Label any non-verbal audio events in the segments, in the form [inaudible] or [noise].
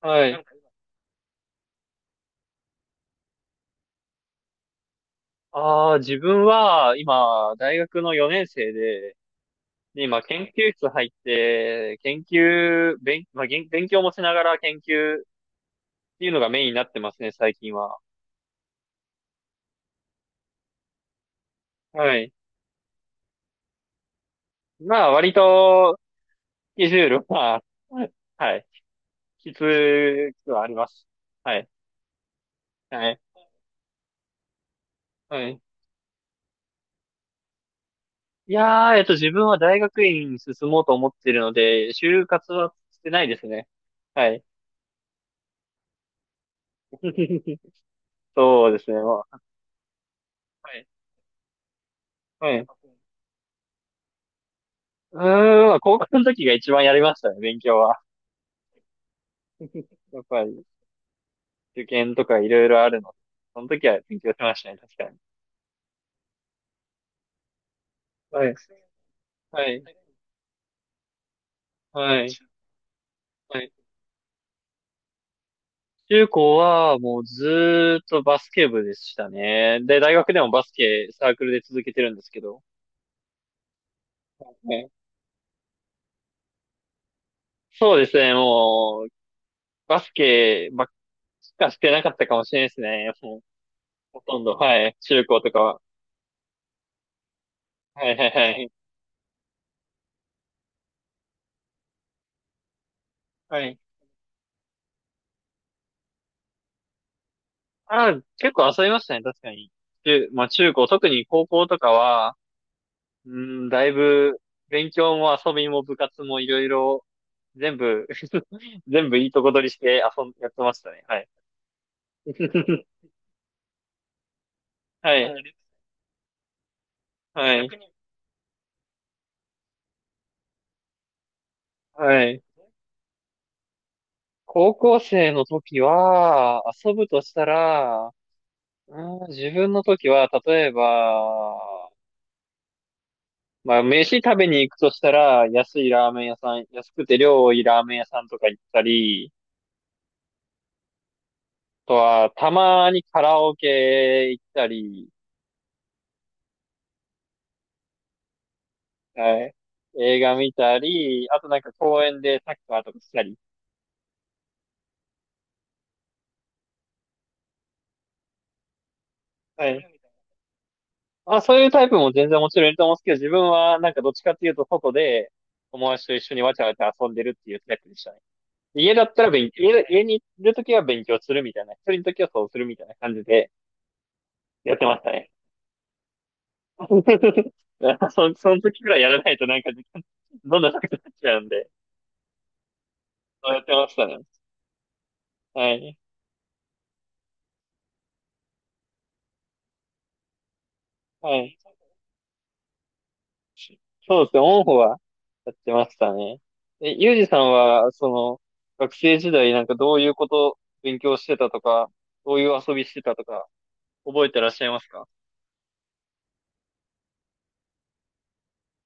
はい。ああ、自分は今、大学の4年生で、で今、研究室入って、研究、勉、まあ、勉強もしながら研究っていうのがメインになってますね、最近は。はい。まあ、割と、スケジュールは、[laughs] はい。きつくはあります。はい。はい。はい。いやー、自分は大学院に進もうと思ってるので、就活はしてないですね。はい。[laughs] そうですね。はいはい。うーん、まあ高校の時が一番やりましたね、勉強は。やっぱり、受験とかいろいろあるので。その時は勉強しましたね、確かに。はい。はい。はい。はい。中高はもうずーっとバスケ部でしたね。で、大学でもバスケサークルで続けてるんですけど。ね、そうですね、もう、バスケばっかしてなかったかもしれないですね。もう、ほとんど、はい。中高とかは。はいはいはい。はい。ああ、結構遊びましたね、確かに。まあ中高、特に高校とかは、うん、だいぶ、勉強も遊びも部活もいろいろ、全部 [laughs] 全部いいとこ取りしてやってましたね。はい。[laughs] はい。はい。はい。高校生の時は、遊ぶとしたら、うん、自分の時は、例えば、まあ、飯食べに行くとしたら、安いラーメン屋さん、安くて量多いラーメン屋さんとか行ったり、とは、たまにカラオケ行ったり、はい。映画見たり、あとなんか公園でサッカーとかしたり。はい。あ、そういうタイプも全然もちろんいると思うんですけど、自分はなんかどっちかっていうと外で友達と一緒にわちゃわちゃ遊んでるっていうタイプでしたね。家だったら勉強、家にいるときは勉強するみたいな、一人のときはそうするみたいな感じでやってましたね。[laughs] その時くらいやらないとなんか時間、どんどんなくなっちゃうんで、そうやってましたね。はい。はい。そうですね、オンホはやってましたね。ユージさんは、学生時代なんかどういうこと勉強してたとか、どういう遊びしてたとか、覚えてらっしゃいますか？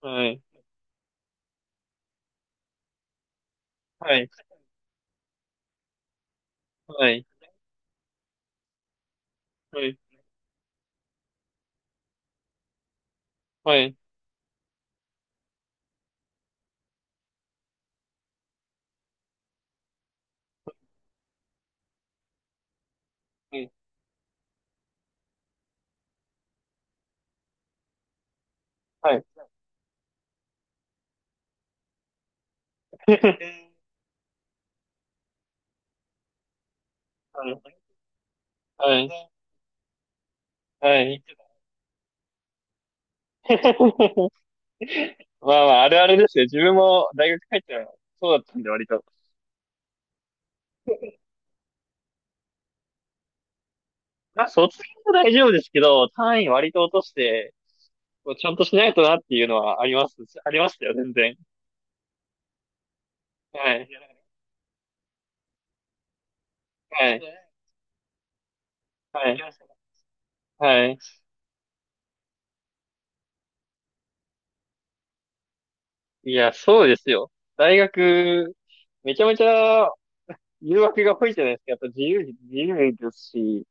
はい。はい。はい。はい。はい。はい。はい。はい。はい。はい。 [laughs] まあまあ、あるあるですよ。自分も大学入ったらそうだったんで、割と。まあ、卒業は大丈夫ですけど、単位割と落として、こうちゃんとしないとなっていうのはあります。ありましたよ、全然。はい。はい。はい。はい。いや、そうですよ。大学、めちゃめちゃ誘惑が多いじゃないですか。やっぱ自由、自由ですし、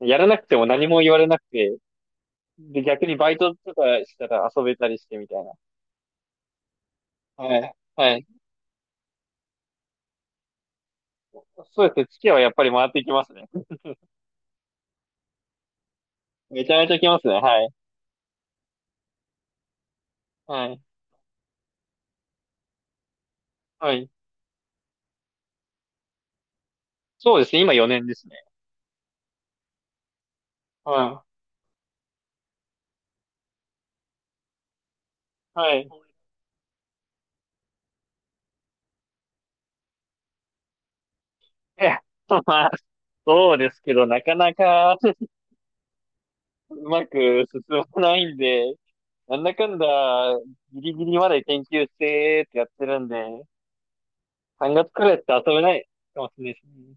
やらなくても何も言われなくて、で、逆にバイトとかしたら遊べたりしてみたいな。はい。はい。そうですね。月はやっぱり回ってきますね。めちゃめちゃきますね。はい。はい。はい。そうですね。今4年ですね。はい。はい。え、まあ、そうですけど、なかなか、うまく進まないんで、なんだかんだ、ギリギリまで研究してってやってるんで、3月くらいって遊べないかもしれないですね。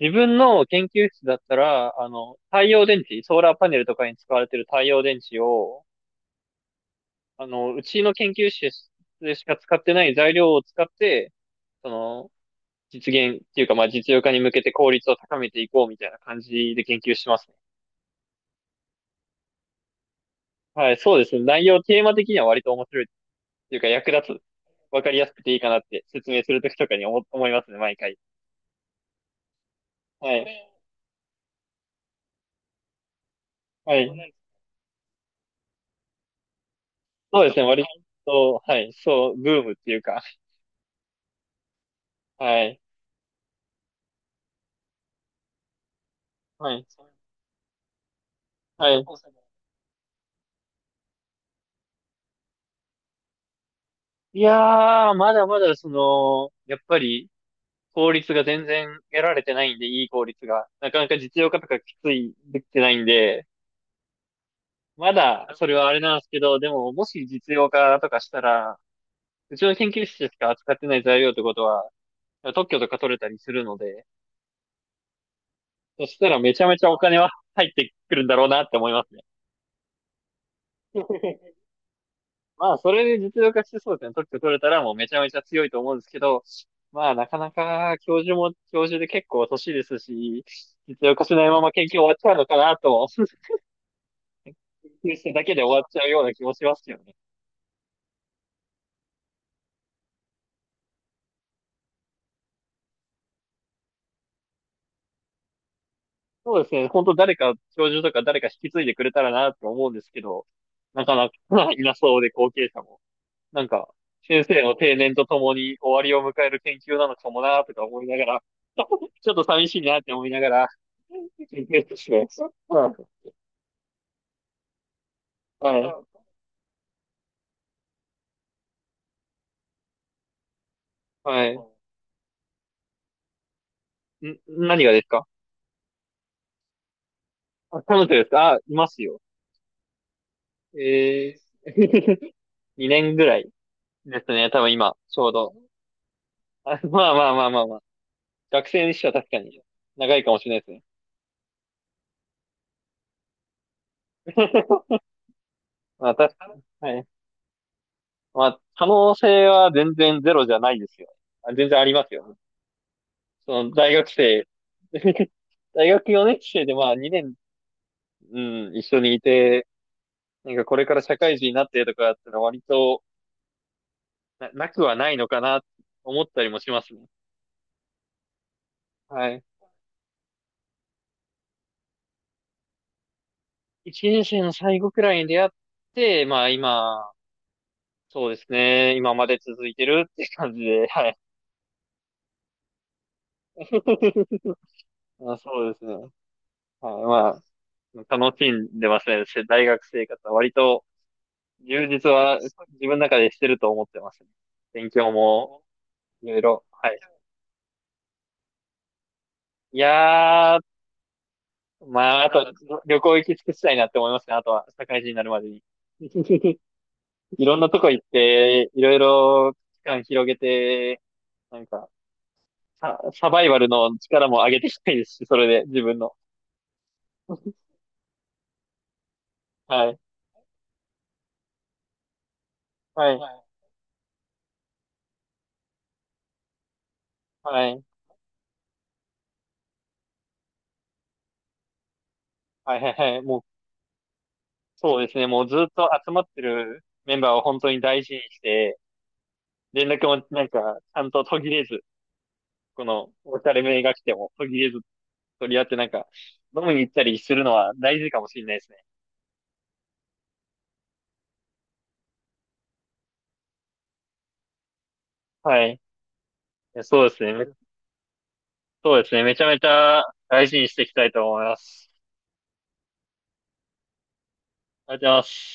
自分の研究室だったら、太陽電池、ソーラーパネルとかに使われてる太陽電池を、うちの研究室でしか使ってない材料を使って、その、実現っていうか、まあ、実用化に向けて効率を高めていこうみたいな感じで研究してますね。はい、そうですね。内容、テーマ的には割と面白いっていうか、役立つわかりやすくていいかなって説明するときとかに思いますね、毎回。はい。はい。そうですね、割と、はい、そう、ブームっていうか、はい。はい。はい。いやー、まだまだやっぱり効率が全然得られてないんで、いい効率が。なかなか実用化とかきつい、できてないんで、まだそれはあれなんですけど、でももし実用化とかしたら、うちの研究室しか扱ってない材料ってことは、特許とか取れたりするので、そしたらめちゃめちゃお金は入ってくるんだろうなって思いますね。[laughs] まあ、それで実用化してそうですね。特許取れたらもうめちゃめちゃ強いと思うんですけど、まあ、なかなか教授も教授で結構年ですし、実用化しないまま研究終わっちゃうのかなと、研究してだけで終わっちゃうような気もしますよね。そうですね。本当誰か、教授とか誰か引き継いでくれたらなと思うんですけど、なかなかいなそうで後継者も。なんか、先生の定年とともに終わりを迎える研究なのかもなーとか思いながら、[laughs] ちょっと寂しいなって思いながら、研究室してます。うん。はい。はい。ん、何がですか？あ、彼女ですか？あ、いますよ。えー、[laughs] 2年ぐらいですね。多分今、ちょうど。[laughs] あ、まあまあまあまあまあ。学生にしては確かに長いかもしれないですね。[laughs] まあ、確かに。はい。まあ、可能性は全然ゼロじゃないですよ。あ、全然ありますよ。その大学生、[laughs] 大学4年生でまあ2年、うん、一緒にいて、なんかこれから社会人になってとかだったら割となくはないのかな、思ったりもしますね。はい。1年生の最後くらいに出会って、まあ今、そうですね。今まで続いてるって感じで、はい。[laughs] まあ、そうですね。はい。まあ、楽しんでますね。大学生活は割と充実は自分の中でしてると思ってます、ね。勉強もいろいろ、はい。いやー、まあ、あと、旅行行き尽くしたいなって思いますね。あとは、社会人になるまでに。[laughs] いろんなとこ行って、いろいろ期間広げて、なんか、サバイバルの力も上げていきたいですし、それで、自分の。[laughs] はい。はい。はい。はい。はい。はい。もう、そうですね。もうずっと集まってるメンバーを本当に大事にして、連絡もなんか、ちゃんと途切れず、この、おしゃれめが来ても途切れず取り合ってなんか、飲みに行ったりするのは大事かもしれないですね。はい。そうですね。そうですね。めちゃめちゃ大事にしていきたいと思います。ありがとうございます。